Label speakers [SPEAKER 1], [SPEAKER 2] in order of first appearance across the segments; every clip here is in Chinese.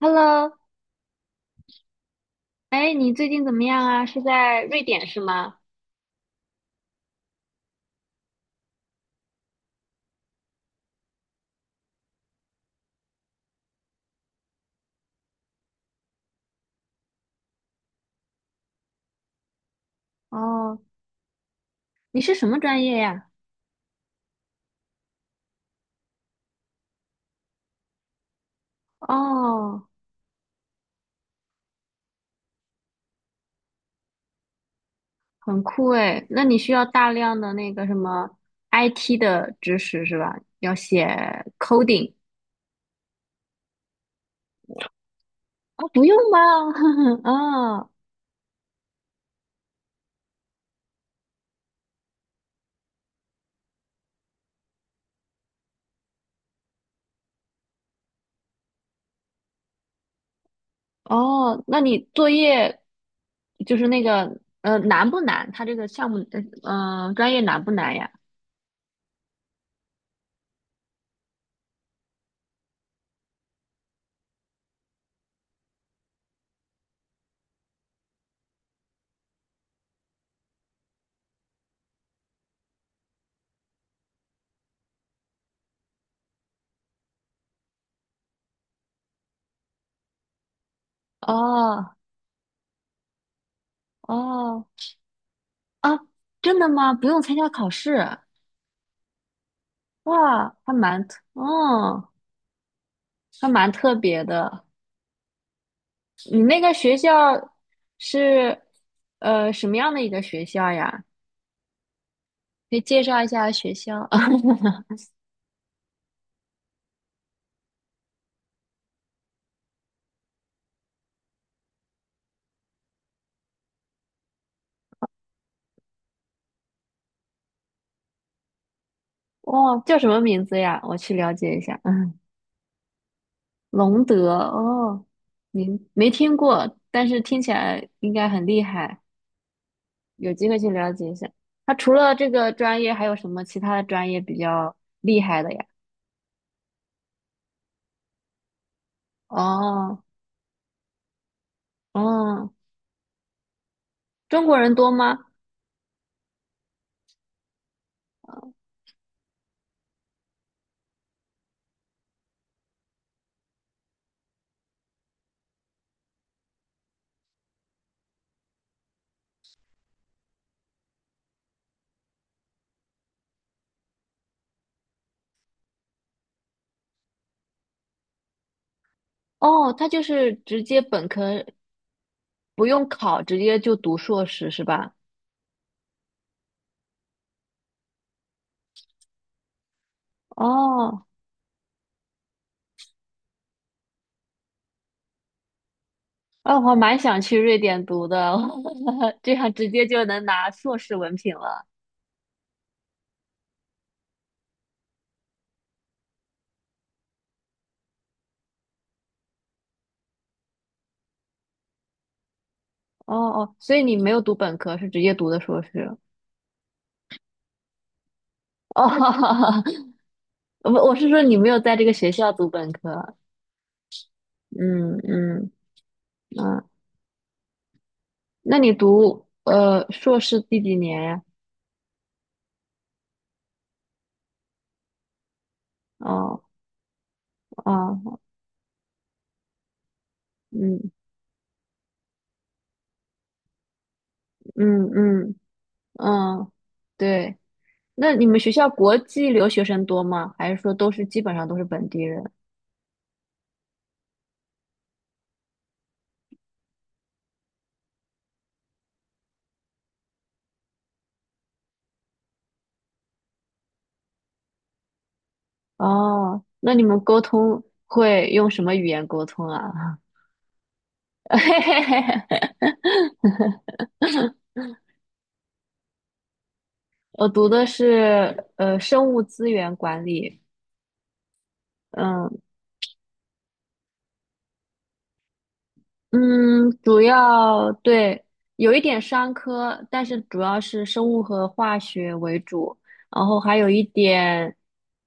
[SPEAKER 1] Hello，哎，你最近怎么样啊？是在瑞典是吗？哦，你是什么专业呀？哦，很酷哎，那你需要大量的那个什么 IT 的知识是吧？要写 coding 哦，不用吧？啊？哦，那你作业就是那个难不难？它这个项目专业难不难呀？哦哦啊，真的吗？不用参加考试？哇，还蛮特别的。你那个学校是什么样的一个学校呀？可以介绍一下学校。哦，叫什么名字呀？我去了解一下。嗯，隆德哦，您没听过，但是听起来应该很厉害，有机会去了解一下。它除了这个专业，还有什么其他的专业比较厉害的呀？哦，哦，中国人多吗？哦，他就是直接本科不用考，直接就读硕士是吧？哦，哎，我还蛮想去瑞典读的，这样直接就能拿硕士文凭了。哦哦，所以你没有读本科，是直接读的硕士。哦，我是说你没有在这个学校读本科。嗯嗯啊，那你读硕士第几年呀？哦哦，嗯嗯嗯嗯，对。那你们学校国际留学生多吗？还是说都是基本上都是本地人？哦，那你们沟通会用什么语言沟通啊？我读的是生物资源管理，嗯。嗯，主要对，有一点商科，但是主要是生物和化学为主，然后还有一点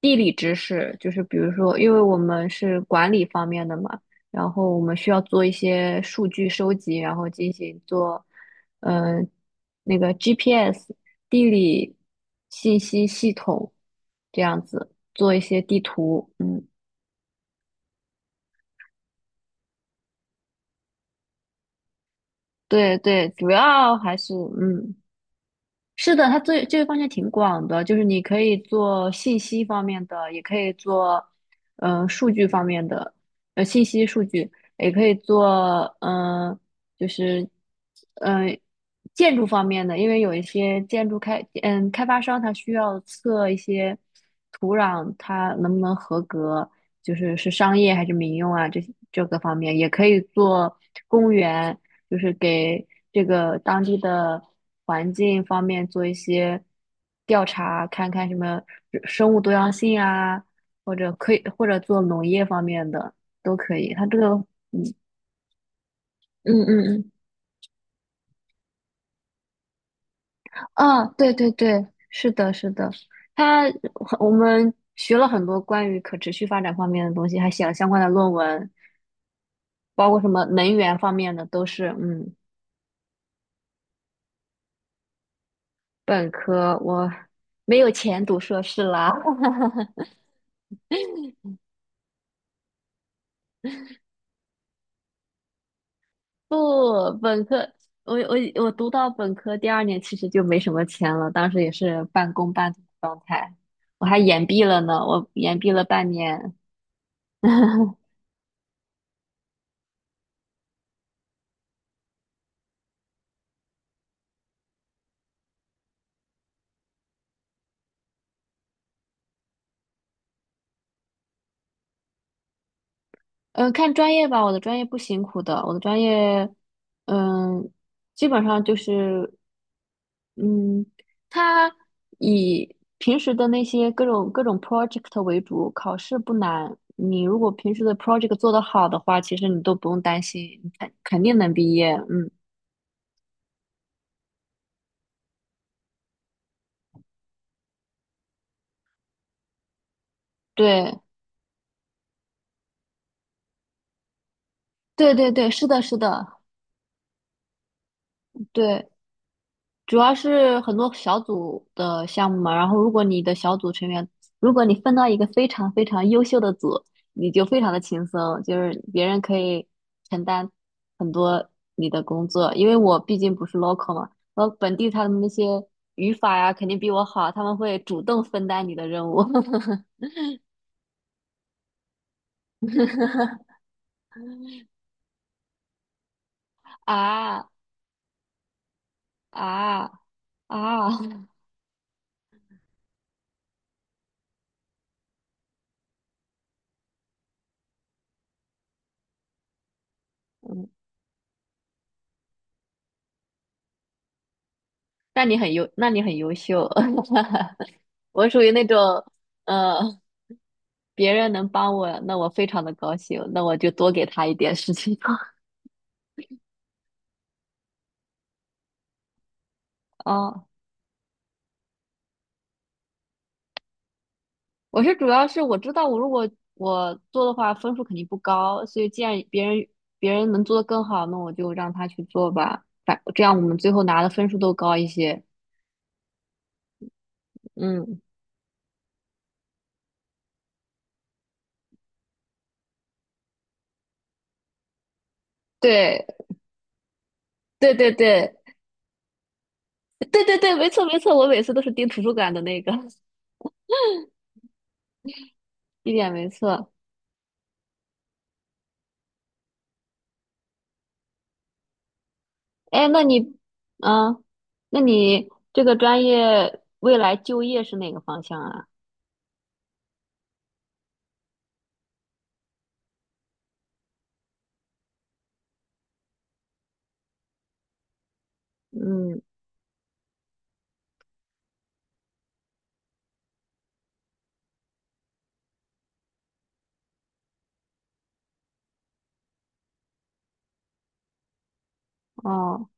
[SPEAKER 1] 地理知识，就是比如说，因为我们是管理方面的嘛，然后我们需要做一些数据收集，然后进行做，嗯、那个 GPS 地理信息系统这样子做一些地图，嗯，对对，主要还是嗯。是的，它最这个方向挺广的，就是你可以做信息方面的，也可以做，数据方面的，信息数据，也可以做，就是，嗯、呃建筑方面的，因为有一些建筑开，嗯，开发商他需要测一些土壤它能不能合格，就是是商业还是民用啊，这个方面也可以做公园，就是给这个当地的环境方面做一些调查，看看什么生物多样性啊，或者可以或者做农业方面的都可以。它这个，嗯嗯嗯，啊，对对对，是的，是的，它我们学了很多关于可持续发展方面的东西，还写了相关的论文，包括什么能源方面的都是，嗯，本科我没有钱读硕士啦。不，本科我我我读到本科第二年，其实就没什么钱了，当时也是半工半读的状态，我还延毕了呢，我延毕了半年。嗯，看专业吧，我的专业不辛苦的，我的专业，嗯，基本上就是，嗯，它以平时的那些各种 project 为主，考试不难。你如果平时的 project 做得好的话，其实你都不用担心，你肯定能毕业。嗯，对。对对对，是的，是的，对，主要是很多小组的项目嘛。然后，如果你的小组成员，如果你分到一个非常非常优秀的组，你就非常的轻松，就是别人可以承担很多你的工作。因为我毕竟不是 local 嘛，然后本地他们那些语法呀，肯定比我好，他们会主动分担你的任务。啊啊啊！那你很优秀。我属于那种，呃，别人能帮我，那我非常的高兴，那我就多给他一点事情做。哦，我主要是我知道，如果我做的话，分数肯定不高，所以既然别人能做得更好，那我就让他去做吧，反这样我们最后拿的分数都高一些。嗯，对，对对对，对对对，没错没错，我每次都是盯图书馆的那个，一点没错。哎，那你，嗯，那你这个专业未来就业是哪个方向啊？嗯，哦，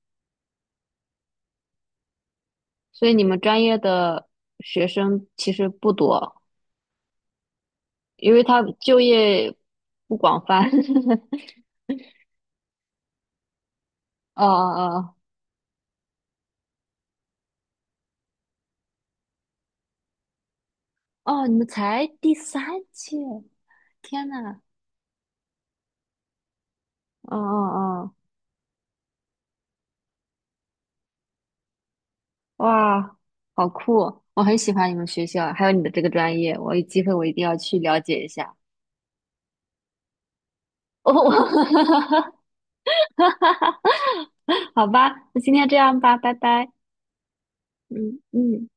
[SPEAKER 1] 所以你们专业的学生其实不多，因为他就业不广泛。哦哦哦，哦，你们才第三届，天呐，哦哦哦，哇，好酷哦！我很喜欢你们学校，还有你的这个专业，我有机会我一定要去了解一下。哦，好吧，那今天这样吧，拜拜。嗯嗯。